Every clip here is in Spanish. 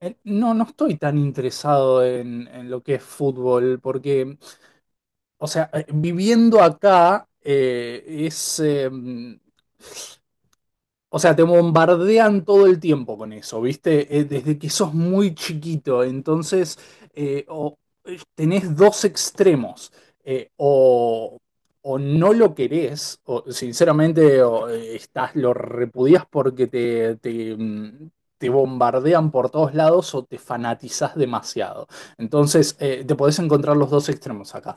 No, no estoy tan interesado en lo que es fútbol, porque, o sea, viviendo acá, es, o sea, te bombardean todo el tiempo con eso, ¿viste? Desde que sos muy chiquito, entonces eh, o, tenés dos extremos, eh, o, o no lo querés, o sinceramente, o, estás, lo repudias porque te bombardean por todos lados o te fanatizás demasiado. Entonces, te podés encontrar los dos extremos acá.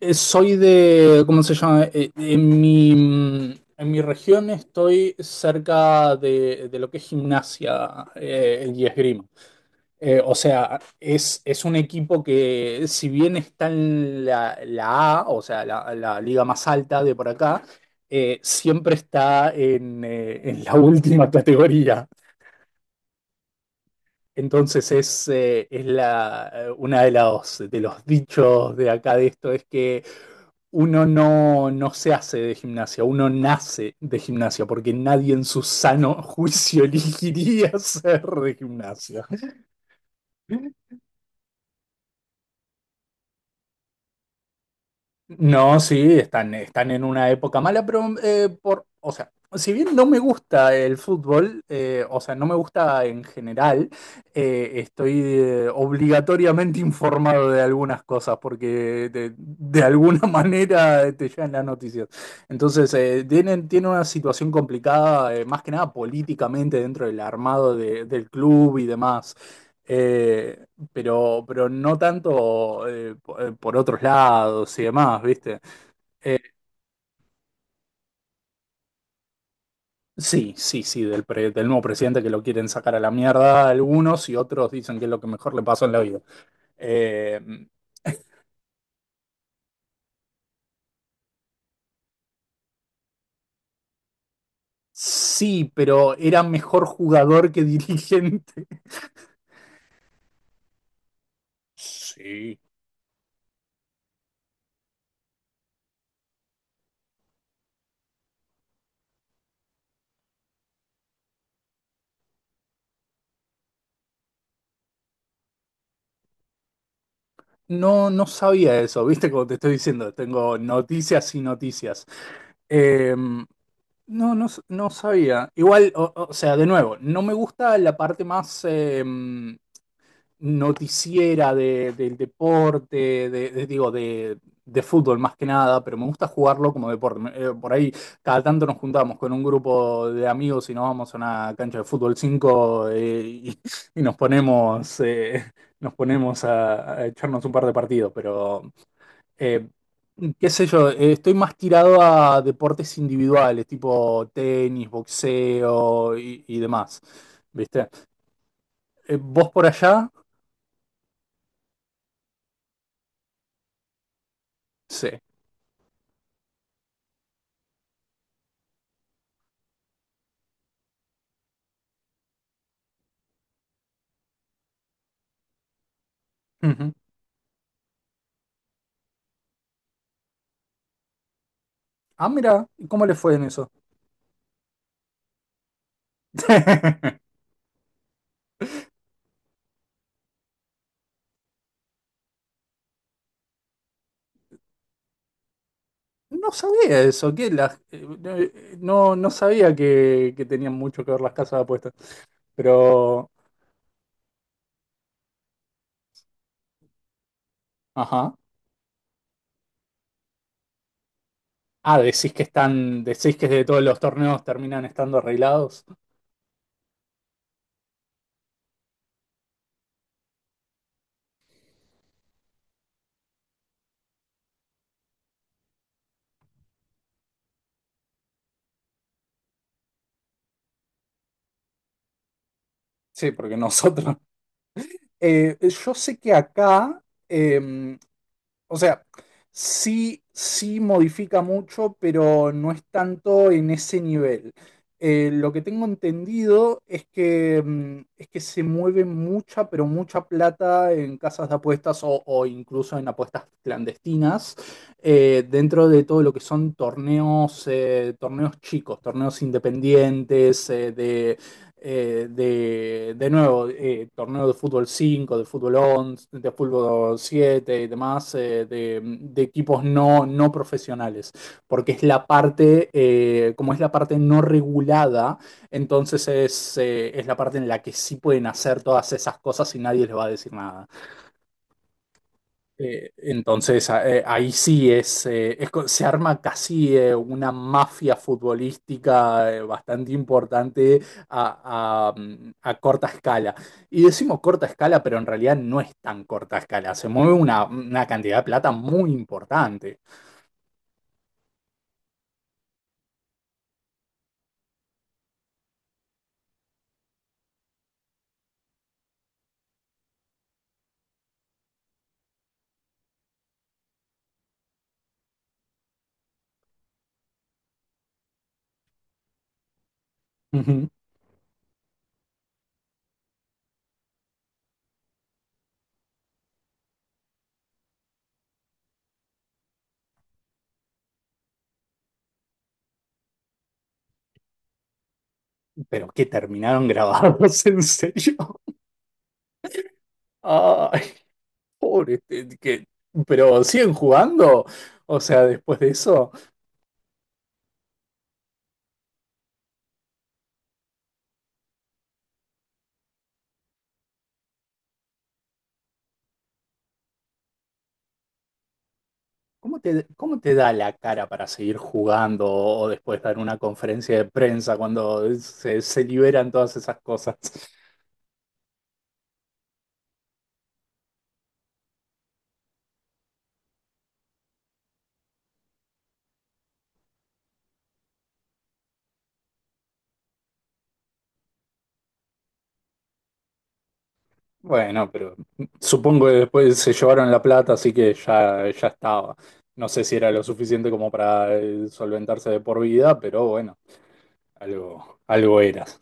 Soy de, ¿cómo se llama? En mi región estoy cerca de lo que es gimnasia, y esgrima. O sea, es un equipo que si bien está en la A, o sea, la liga más alta de por acá, siempre está en la última categoría. Entonces es la, una de los dichos de acá de esto, es que uno no, no se hace de gimnasia, uno nace de gimnasia, porque nadie en su sano juicio elegiría ser de gimnasia. No, sí, están en una época mala, pero, o sea, si bien no me gusta el fútbol, o sea, no me gusta en general. Estoy, obligatoriamente informado de algunas cosas porque de alguna manera te llegan las noticias. Entonces, tienen una situación complicada, más que nada políticamente dentro del armado del club y demás. Eh, pero no tanto, por otros lados y demás, ¿viste? Sí, sí, sí, del nuevo presidente que lo quieren sacar a la mierda algunos, y otros dicen que es lo que mejor le pasó en la vida. Eh, sí, pero era mejor jugador que dirigente. Sí. No, no sabía eso, ¿viste? Como te estoy diciendo, tengo noticias y noticias. Em, No, no, no sabía. Igual, o sea, de nuevo, no me gusta la parte más, noticiera del deporte, de fútbol más que nada, pero me gusta jugarlo como deporte. Por ahí cada tanto nos juntamos con un grupo de amigos y nos vamos a una cancha de fútbol cinco, y nos ponemos, a echarnos un par de partidos, pero... Eh, qué sé yo, estoy más tirado a deportes individuales, tipo tenis, boxeo, y demás. ¿Viste? ¿Vos por allá? Sí. Ujú. Ah, mira, ¿cómo le fue en eso? No sabía eso, que no, no sabía que tenían mucho que ver las casas de apuestas. Pero, ajá. Ah, decís que de todos los torneos terminan estando arreglados. Sí, porque nosotros Eh, yo sé que acá, em, o sea, sí, sí modifica mucho, pero no es tanto en ese nivel. Lo que tengo entendido es que, es que se mueve mucha, pero mucha plata en casas de apuestas, o incluso en apuestas clandestinas, dentro de todo lo que son torneos, torneos chicos, torneos independientes, de nuevo, torneo de fútbol cinco, de fútbol 11, de fútbol 7 y demás, de equipos no, no profesionales, porque es la parte, como es la parte no regulada, entonces es la parte en la que sí pueden hacer todas esas cosas y nadie les va a decir nada. Entonces, ahí sí se arma casi, una mafia futbolística, bastante importante a corta escala. Y decimos corta escala, pero en realidad no es tan corta escala. Se mueve una cantidad de plata muy importante. Ujú. Pero que terminaron grabados, en serio. Ay, pobre, este, que, pero siguen jugando. O sea, después de eso. ¿Cómo te da la cara para seguir jugando o después dar una conferencia de prensa cuando se liberan todas esas cosas? Bueno, pero supongo que después se llevaron la plata, así que ya, ya estaba. No sé si era lo suficiente como para, solventarse de por vida, pero bueno, algo, algo eras.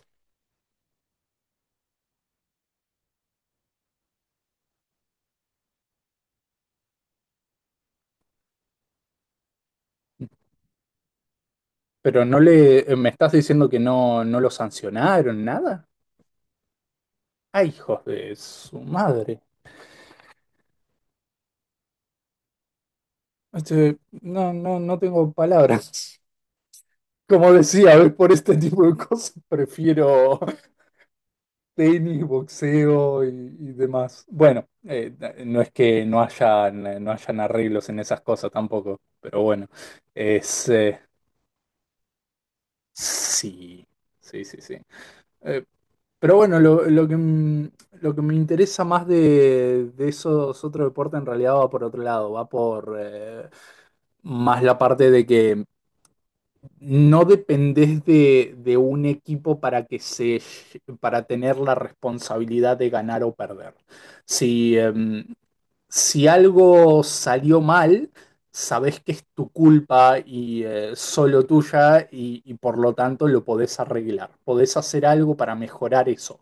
Pero no le, ¿Me estás diciendo que no, no lo sancionaron, nada? Ay, hijos de su madre. Este, no, no, no tengo palabras. Como decía, ¿ves? Por este tipo de cosas prefiero tenis, boxeo, y demás. Bueno, no es que no hayan arreglos en esas cosas tampoco, pero bueno, es... sí, sí, sí, sí. Eh, pero bueno, lo que me interesa más de esos otros deportes en realidad va por otro lado, va por, más la parte de que no dependés de un equipo para que se para tener la responsabilidad de ganar o perder. Si, em, si algo salió mal, sabés que es tu culpa y, solo tuya, y por lo tanto lo podés arreglar. Podés hacer algo para mejorar eso.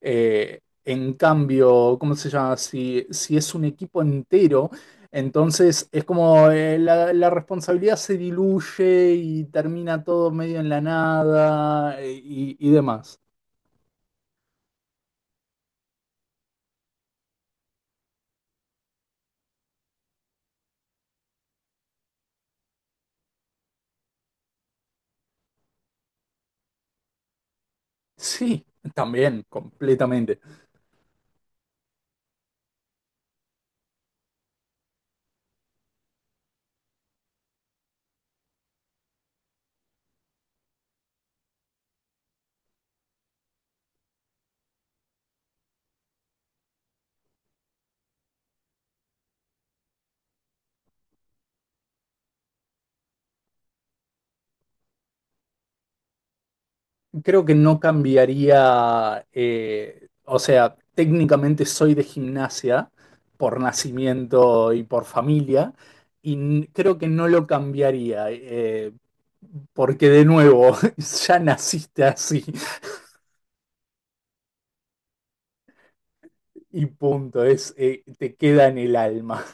En cambio, ¿cómo se llama? Si es un equipo entero, entonces es como, la responsabilidad se diluye y termina todo medio en la nada, y demás. Sí, también, completamente. Creo que no cambiaría, o sea, técnicamente soy de gimnasia por nacimiento y por familia, creo que no lo cambiaría, porque de nuevo, ya naciste así y punto, es, te queda en el alma.